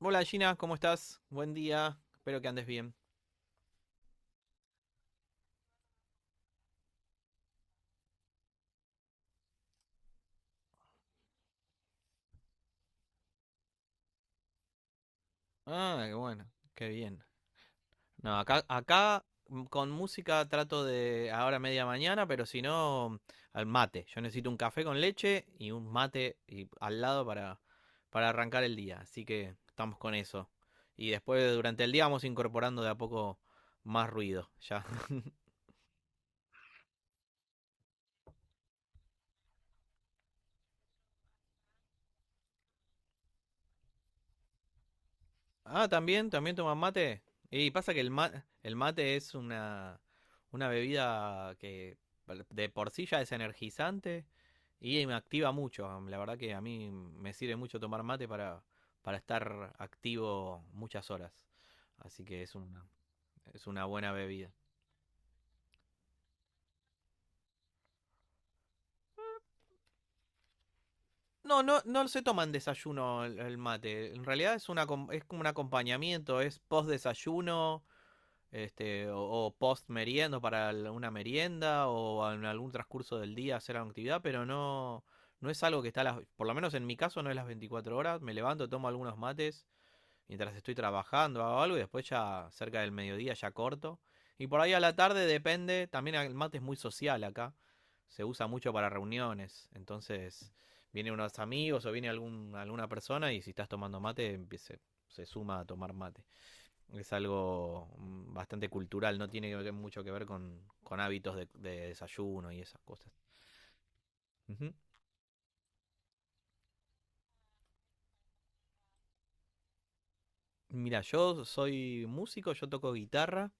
Hola Gina, ¿cómo estás? Buen día, espero que andes bien. Ah, qué bueno, qué bien. No, acá con música trato de ahora media mañana, pero si no, al mate. Yo necesito un café con leche y un mate y, al lado para arrancar el día, así que estamos con eso. Y después durante el día vamos incorporando de a poco más ruido, ya. Ah, también toman mate. Y pasa que el mate es una bebida que de por sí ya es energizante y me activa mucho. La verdad que a mí me sirve mucho tomar mate para estar activo muchas horas. Así que es es una buena bebida. No, no se toma en desayuno el mate. En realidad es es como un acompañamiento, es post desayuno este, o post meriendo para una merienda o en algún transcurso del día hacer alguna actividad, pero no es algo que está a las, por lo menos en mi caso no es las 24 horas. Me levanto, tomo algunos mates mientras estoy trabajando, hago algo y después ya cerca del mediodía ya corto. Y por ahí a la tarde depende, también el mate es muy social acá, se usa mucho para reuniones, entonces viene unos amigos o viene alguna persona y si estás tomando mate se se suma a tomar mate. Es algo bastante cultural, no tiene mucho que ver con hábitos de desayuno y esas cosas. Ujú. Mira, yo soy músico, yo toco guitarra,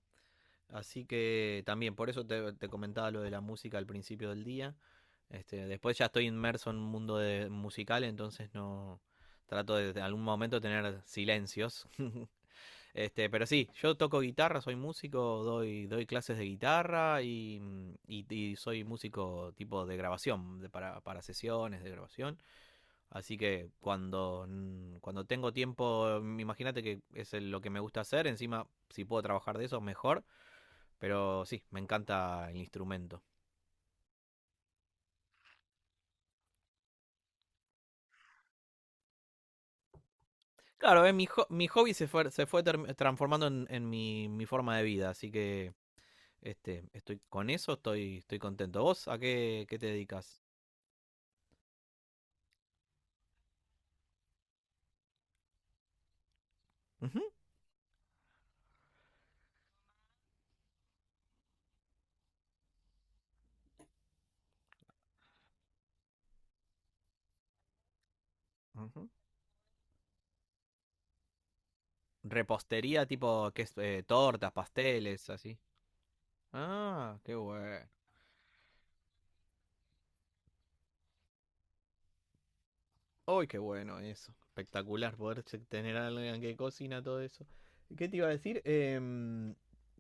así que también por eso te comentaba lo de la música al principio del día. Este, después ya estoy inmerso en un musical, entonces no trato de algún momento tener silencios Este, pero sí, yo toco guitarra, soy músico, doy clases de guitarra y, y soy músico tipo de grabación, para sesiones de grabación. Así que cuando, cuando tengo tiempo, imagínate que es lo que me gusta hacer, encima si puedo trabajar de eso, mejor, pero sí, me encanta el instrumento. Claro, mi hobby se fue, transformando en, mi forma de vida, así que este, estoy con eso, estoy contento. ¿Vos a qué, qué te dedicas? Ujú. Ujú. ¿Repostería tipo, que es? Tortas, pasteles, así. Ah, qué bueno. Uy, qué bueno eso. Espectacular poder tener a alguien que cocina todo eso. ¿Qué te iba a decir? Em,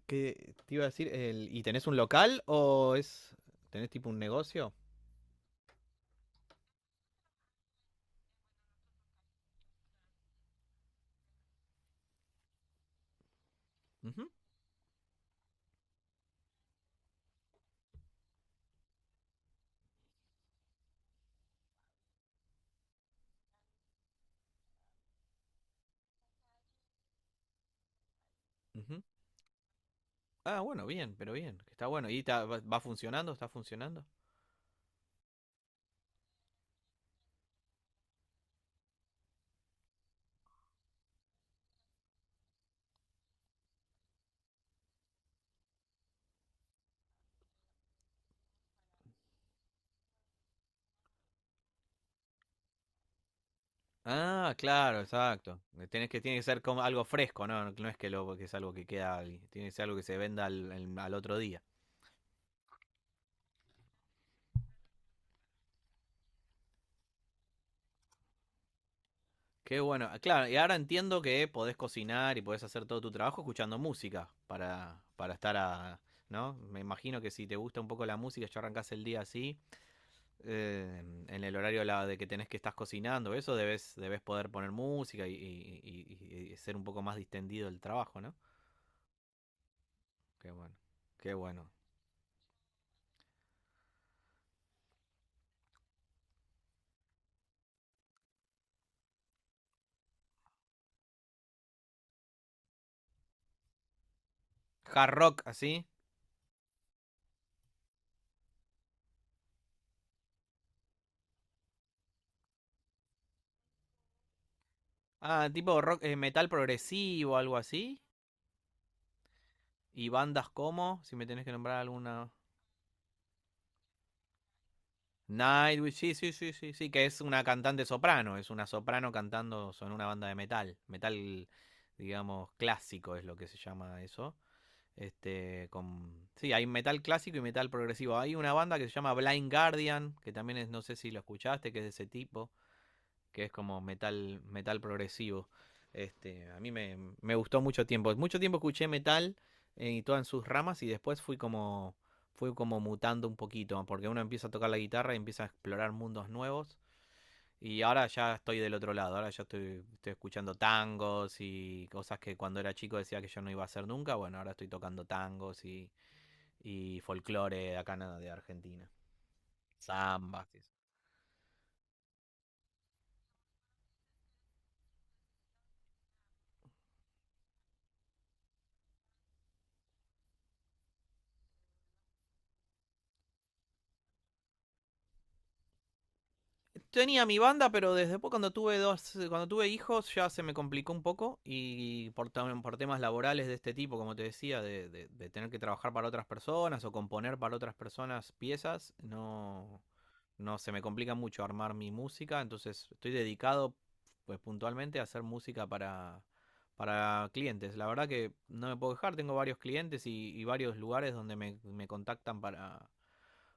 ¿qué te iba a decir? El, ¿y tenés un local o es, tenés tipo un negocio? Ujú, ujú. Ah, bueno, bien, pero bien, que está bueno. ¿Y va funcionando? ¿Está funcionando? Ah, claro, exacto. Tiene que ser como algo fresco, ¿no? No, no es que, lo, que es algo que queda ahí. Tiene que ser algo que se venda al otro día. Qué bueno. Ah, claro, y ahora entiendo que podés cocinar y podés hacer todo tu trabajo escuchando música para estar a, ¿no? Me imagino que si te gusta un poco la música, ya arrancás el día así, eh, en el horario de que tenés que estás cocinando, eso debes poder poner música y, y ser un poco más distendido el trabajo, ¿no? Qué bueno. Qué bueno. Hard rock así. Ah, tipo rock, metal progresivo, algo así. Y bandas como, si me tenés que nombrar alguna. Nightwish, sí, que es una cantante soprano, es una soprano cantando en una banda de metal. Metal, digamos, clásico es lo que se llama eso. Este, con... Sí, hay metal clásico y metal progresivo. Hay una banda que se llama Blind Guardian, que también es, no sé si lo escuchaste, que es de ese tipo. Que es como metal, metal progresivo. Este, a me gustó mucho tiempo. Mucho tiempo escuché metal y todas en sus ramas y después fui como mutando un poquito, porque uno empieza a tocar la guitarra y empieza a explorar mundos nuevos. Y ahora ya estoy del otro lado, ahora ya estoy, estoy escuchando tangos y cosas que cuando era chico decía que yo no iba a hacer nunca. Bueno, ahora estoy tocando tangos y folclore de acá de Argentina. Zambas. Tenía mi banda, pero desde después cuando tuve hijos ya se me complicó un poco y por temas laborales de este tipo, como te decía, de tener que trabajar para otras personas o componer para otras personas piezas, no, no se me complica mucho armar mi música, entonces estoy dedicado pues puntualmente a hacer música para clientes. La verdad que no me puedo dejar, tengo varios clientes y varios lugares donde me contactan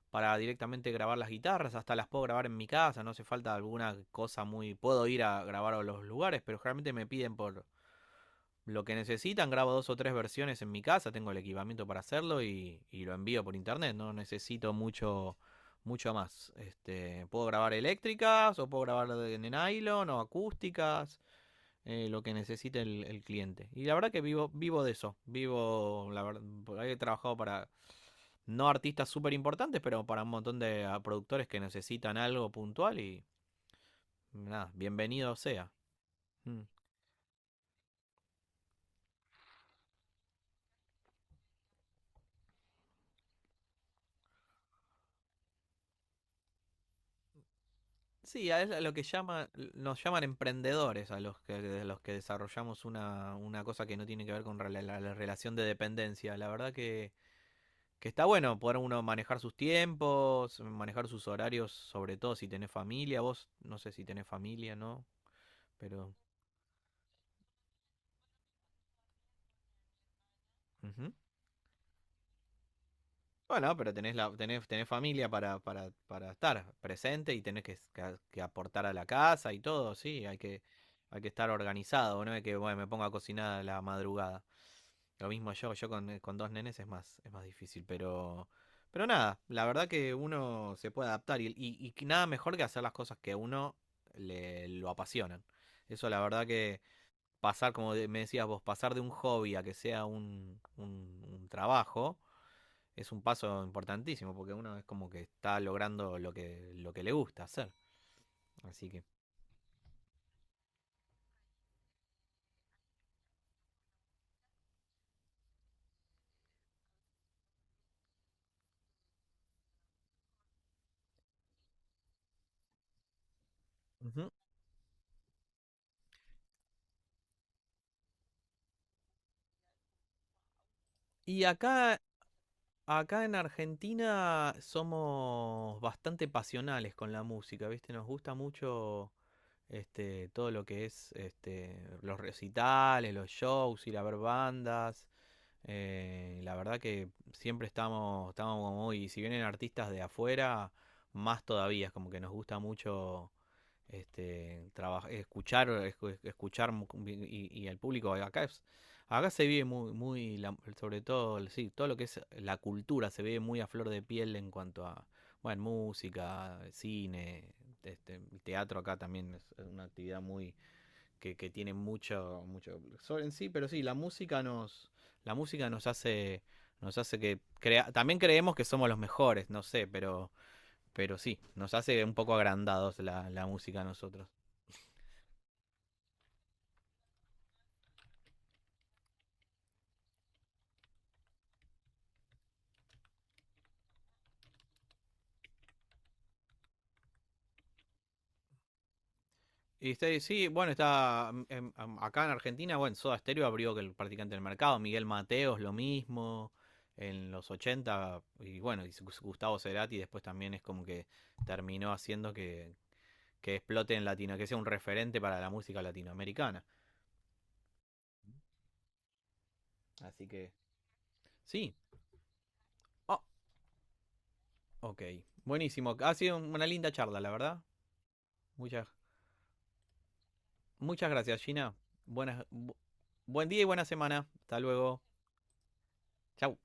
para directamente grabar las guitarras, hasta las puedo grabar en mi casa, no hace falta alguna cosa muy... Puedo ir a grabar a los lugares, pero generalmente me piden por lo que necesitan, grabo dos o tres versiones en mi casa, tengo el equipamiento para hacerlo y lo envío por internet, no necesito mucho mucho más. Este, puedo grabar eléctricas o puedo grabar de nylon o acústicas, lo que necesite cliente. Y la verdad que vivo, vivo de eso. Vivo, la verdad, he trabajado para no artistas súper importantes, pero para un montón de ah, productores que necesitan algo puntual y nada, bienvenido sea. Mm. Sí, a eso es lo que llama, nos llaman emprendedores, a los que, de los que desarrollamos una cosa que no tiene que ver con la relación de dependencia. La verdad que está bueno poder uno manejar sus tiempos, manejar sus horarios, sobre todo si tenés familia. Vos no sé si tenés familia, ¿no? Pero... ujú. Bueno, pero tenés, la, tenés familia para estar presente y tenés que aportar a la casa y todo, sí, hay que estar organizado, no es que bueno, me ponga a cocinar a la madrugada. Lo mismo yo, con dos nenes es más difícil, pero nada, la verdad que uno se puede adaptar y, y que nada mejor que hacer las cosas que a lo apasionan. Eso la verdad que me decías vos, pasar de un hobby a que sea un trabajo es un paso importantísimo porque uno es como que está logrando lo que le gusta hacer. Así que. Ujú. Y acá, acá en Argentina somos bastante pasionales con la música, ¿viste? Nos gusta mucho este, todo lo que es este, los recitales, los shows, ir a ver bandas. La verdad que siempre estamos como muy, si vienen artistas de afuera, más todavía, es como que nos gusta mucho este, escuchar y al público. Acá se vive muy sobre todo, sí, todo lo que es la cultura se vive muy a flor de piel en cuanto a, bueno, música, cine, este, el teatro acá también es una actividad muy que tiene mucho, mucho sol en sí, pero sí, la música nos hace que crea, también creemos que somos los mejores, no sé, pero sí, nos hace un poco agrandados la música a nosotros. Y este, sí, bueno, acá en Argentina, bueno, Soda Stereo abrió que el practicante del mercado, Miguel Mateos lo mismo, en los 80 y bueno, y Gustavo Cerati después también es como que terminó haciendo que explote en Latino, que sea un referente para la música latinoamericana. Así que. Sí. Oh, ok. Buenísimo. Ha sido una linda charla, la verdad. Muchas, muchas gracias, Gina. Buenas, bu- Buen día y buena semana. Hasta luego. Chau.